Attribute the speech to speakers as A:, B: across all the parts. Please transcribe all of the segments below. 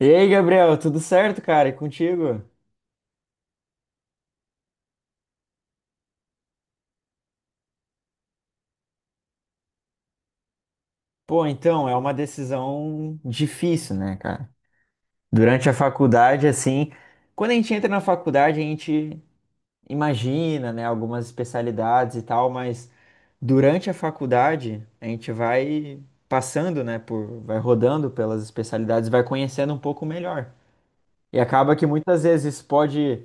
A: E aí, Gabriel, tudo certo, cara? E contigo? Pô, então, é uma decisão difícil, né, cara? Durante a faculdade, assim, quando a gente entra na faculdade, a gente imagina, né, algumas especialidades e tal, mas durante a faculdade, a gente vai passando, né, vai rodando pelas especialidades, vai conhecendo um pouco melhor. E acaba que muitas vezes isso pode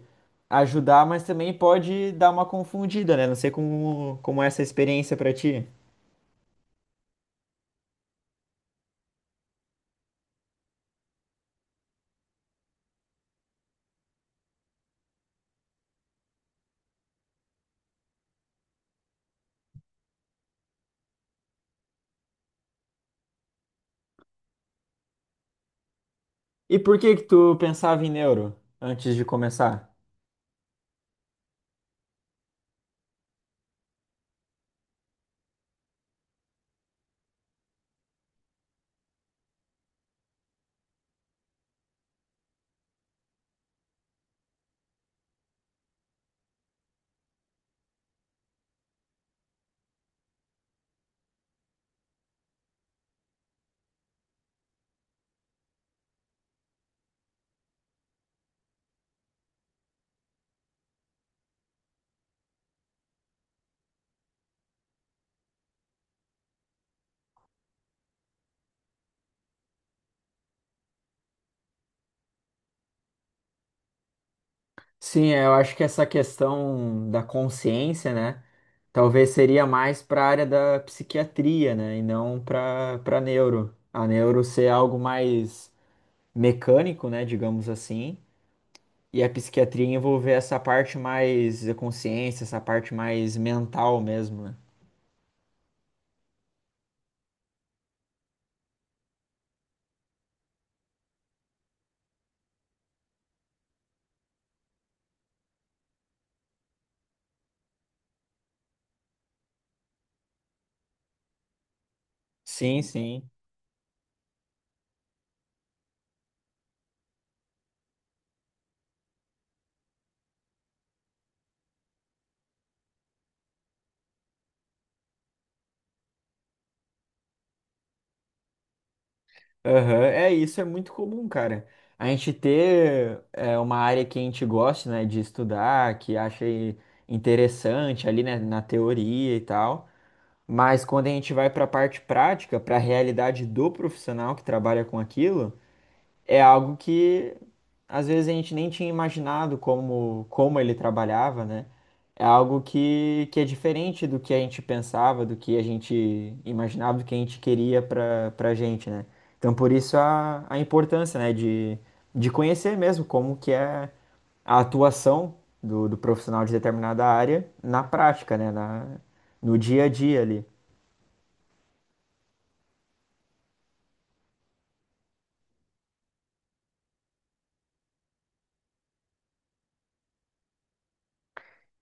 A: ajudar, mas também pode dar uma confundida, né? Não sei como é essa experiência pra ti. E por que que tu pensava em neuro antes de começar? Sim, é, eu acho que essa questão da consciência, né? Talvez seria mais para a área da psiquiatria, né? E não para neuro. A neuro ser algo mais mecânico, né? Digamos assim. E a psiquiatria envolver essa parte mais da consciência, essa parte mais mental mesmo, né? Sim, sim. Aham, é, isso é muito comum, cara. A gente ter uma área que a gente gosta, né, de estudar, que acha interessante ali, né, na teoria e tal. Mas quando a gente vai para a parte prática, para a realidade do profissional que trabalha com aquilo, é algo que às vezes a gente nem tinha imaginado como ele trabalhava, né? É algo que é diferente do que a gente pensava, do que a gente imaginava, do que a gente queria para gente, né? Então, por isso a importância, né, de conhecer mesmo como que é a atuação do profissional de determinada área na prática, né, no dia a dia ali.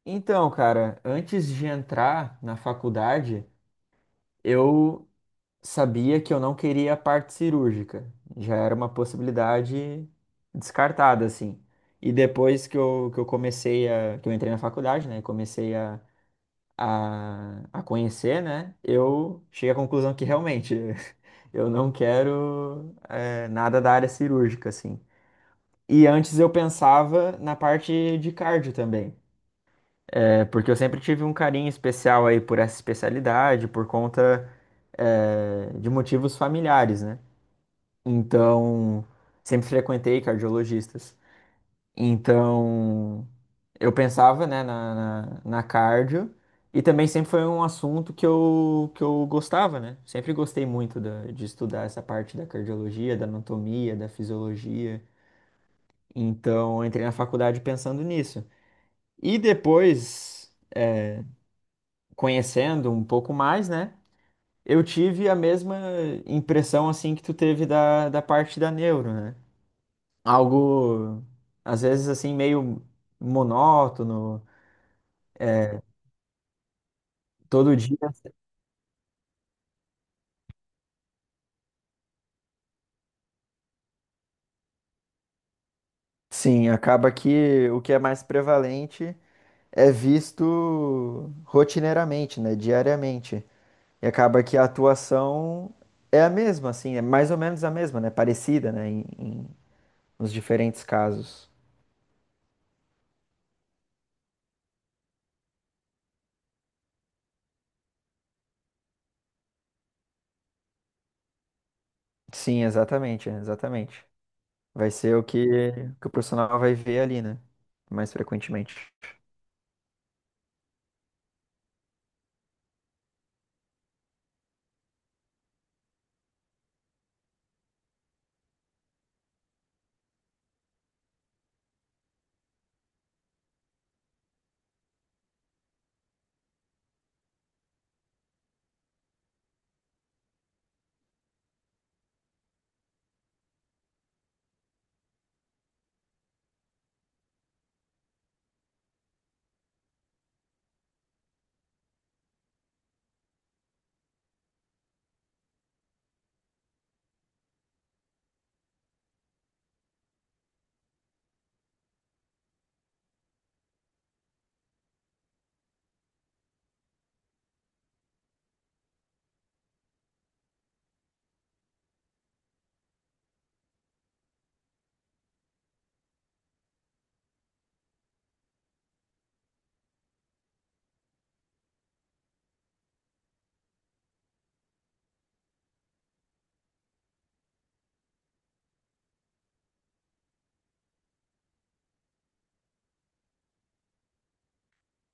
A: Então, cara, antes de entrar na faculdade, eu sabia que eu não queria a parte cirúrgica. Já era uma possibilidade descartada, assim. E depois que eu comecei que eu entrei na faculdade, né, e comecei a conhecer, né, eu cheguei à conclusão que realmente eu não quero nada da área cirúrgica, assim. E antes eu pensava na parte de cardio também. É, porque eu sempre tive um carinho especial aí por essa especialidade, por conta, de motivos familiares, né? Então, sempre frequentei cardiologistas. Então, eu pensava, né, na cardio. E também sempre foi um assunto que eu gostava, né? Sempre gostei muito de estudar essa parte da cardiologia, da anatomia, da fisiologia. Então, eu entrei na faculdade pensando nisso. E depois, conhecendo um pouco mais, né? Eu tive a mesma impressão, assim, que tu teve da parte da neuro, né? Algo às vezes assim meio monótono, todo dia. Sim, acaba que o que é mais prevalente é visto rotineiramente, né, diariamente. E acaba que a atuação é a mesma, assim, é mais ou menos a mesma, né, parecida, né, nos diferentes casos. Sim, exatamente, é, exatamente. Vai ser o que, que o profissional vai ver ali, né, mais frequentemente.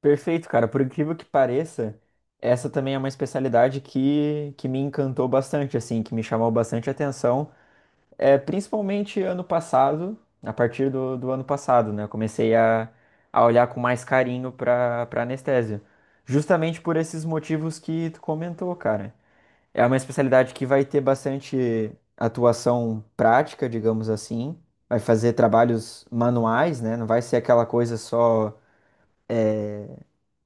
A: Perfeito, cara. Por incrível que pareça, essa também é uma especialidade que me encantou bastante, assim, que me chamou bastante atenção. É, principalmente ano passado, a partir do ano passado, né? Eu comecei a olhar com mais carinho para anestesia. Justamente por esses motivos que tu comentou, cara. É uma especialidade que vai ter bastante atuação prática, digamos assim. Vai fazer trabalhos manuais, né? Não vai ser aquela coisa só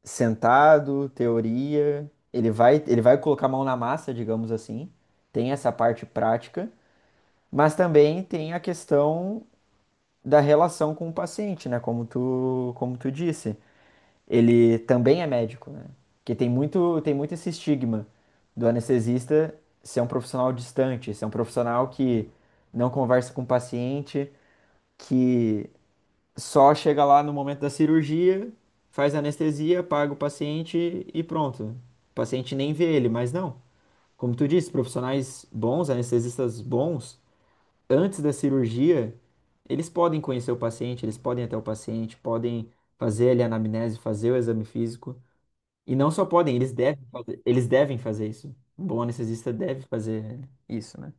A: sentado, teoria. Ele vai colocar a mão na massa, digamos assim. Tem essa parte prática, mas também tem a questão da relação com o paciente, né? Como tu disse. Ele também é médico, né? Porque tem muito esse estigma do anestesista ser um profissional distante, ser um profissional que não conversa com o paciente, que só chega lá no momento da cirurgia, faz anestesia, paga o paciente e pronto. O paciente nem vê ele, mas não. Como tu disse, profissionais bons, anestesistas bons, antes da cirurgia, eles podem conhecer o paciente, eles podem ir até o paciente, podem fazer ali a anamnese, fazer o exame físico. E não só podem, eles devem fazer isso. Um bom anestesista deve fazer isso, né?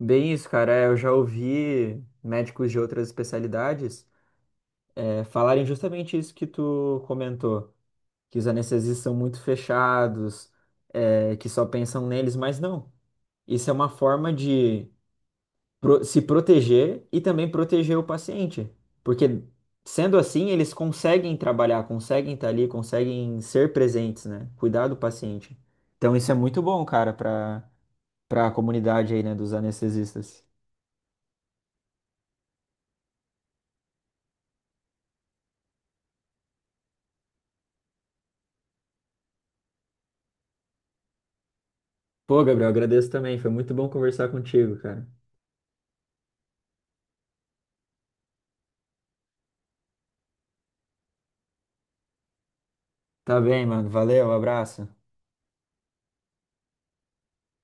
A: Bem isso, cara. É, eu já ouvi médicos de outras especialidades falarem justamente isso que tu comentou, que os anestesistas são muito fechados, é, que só pensam neles, mas não. Isso é uma forma de se proteger e também proteger o paciente, porque sendo assim, eles conseguem trabalhar, conseguem estar ali, conseguem ser presentes, né? Cuidar do paciente. Então isso é muito bom, cara, para a comunidade aí, né, dos anestesistas. Pô, Gabriel, agradeço também, foi muito bom conversar contigo, cara. Tá bem, mano. Valeu, abraço.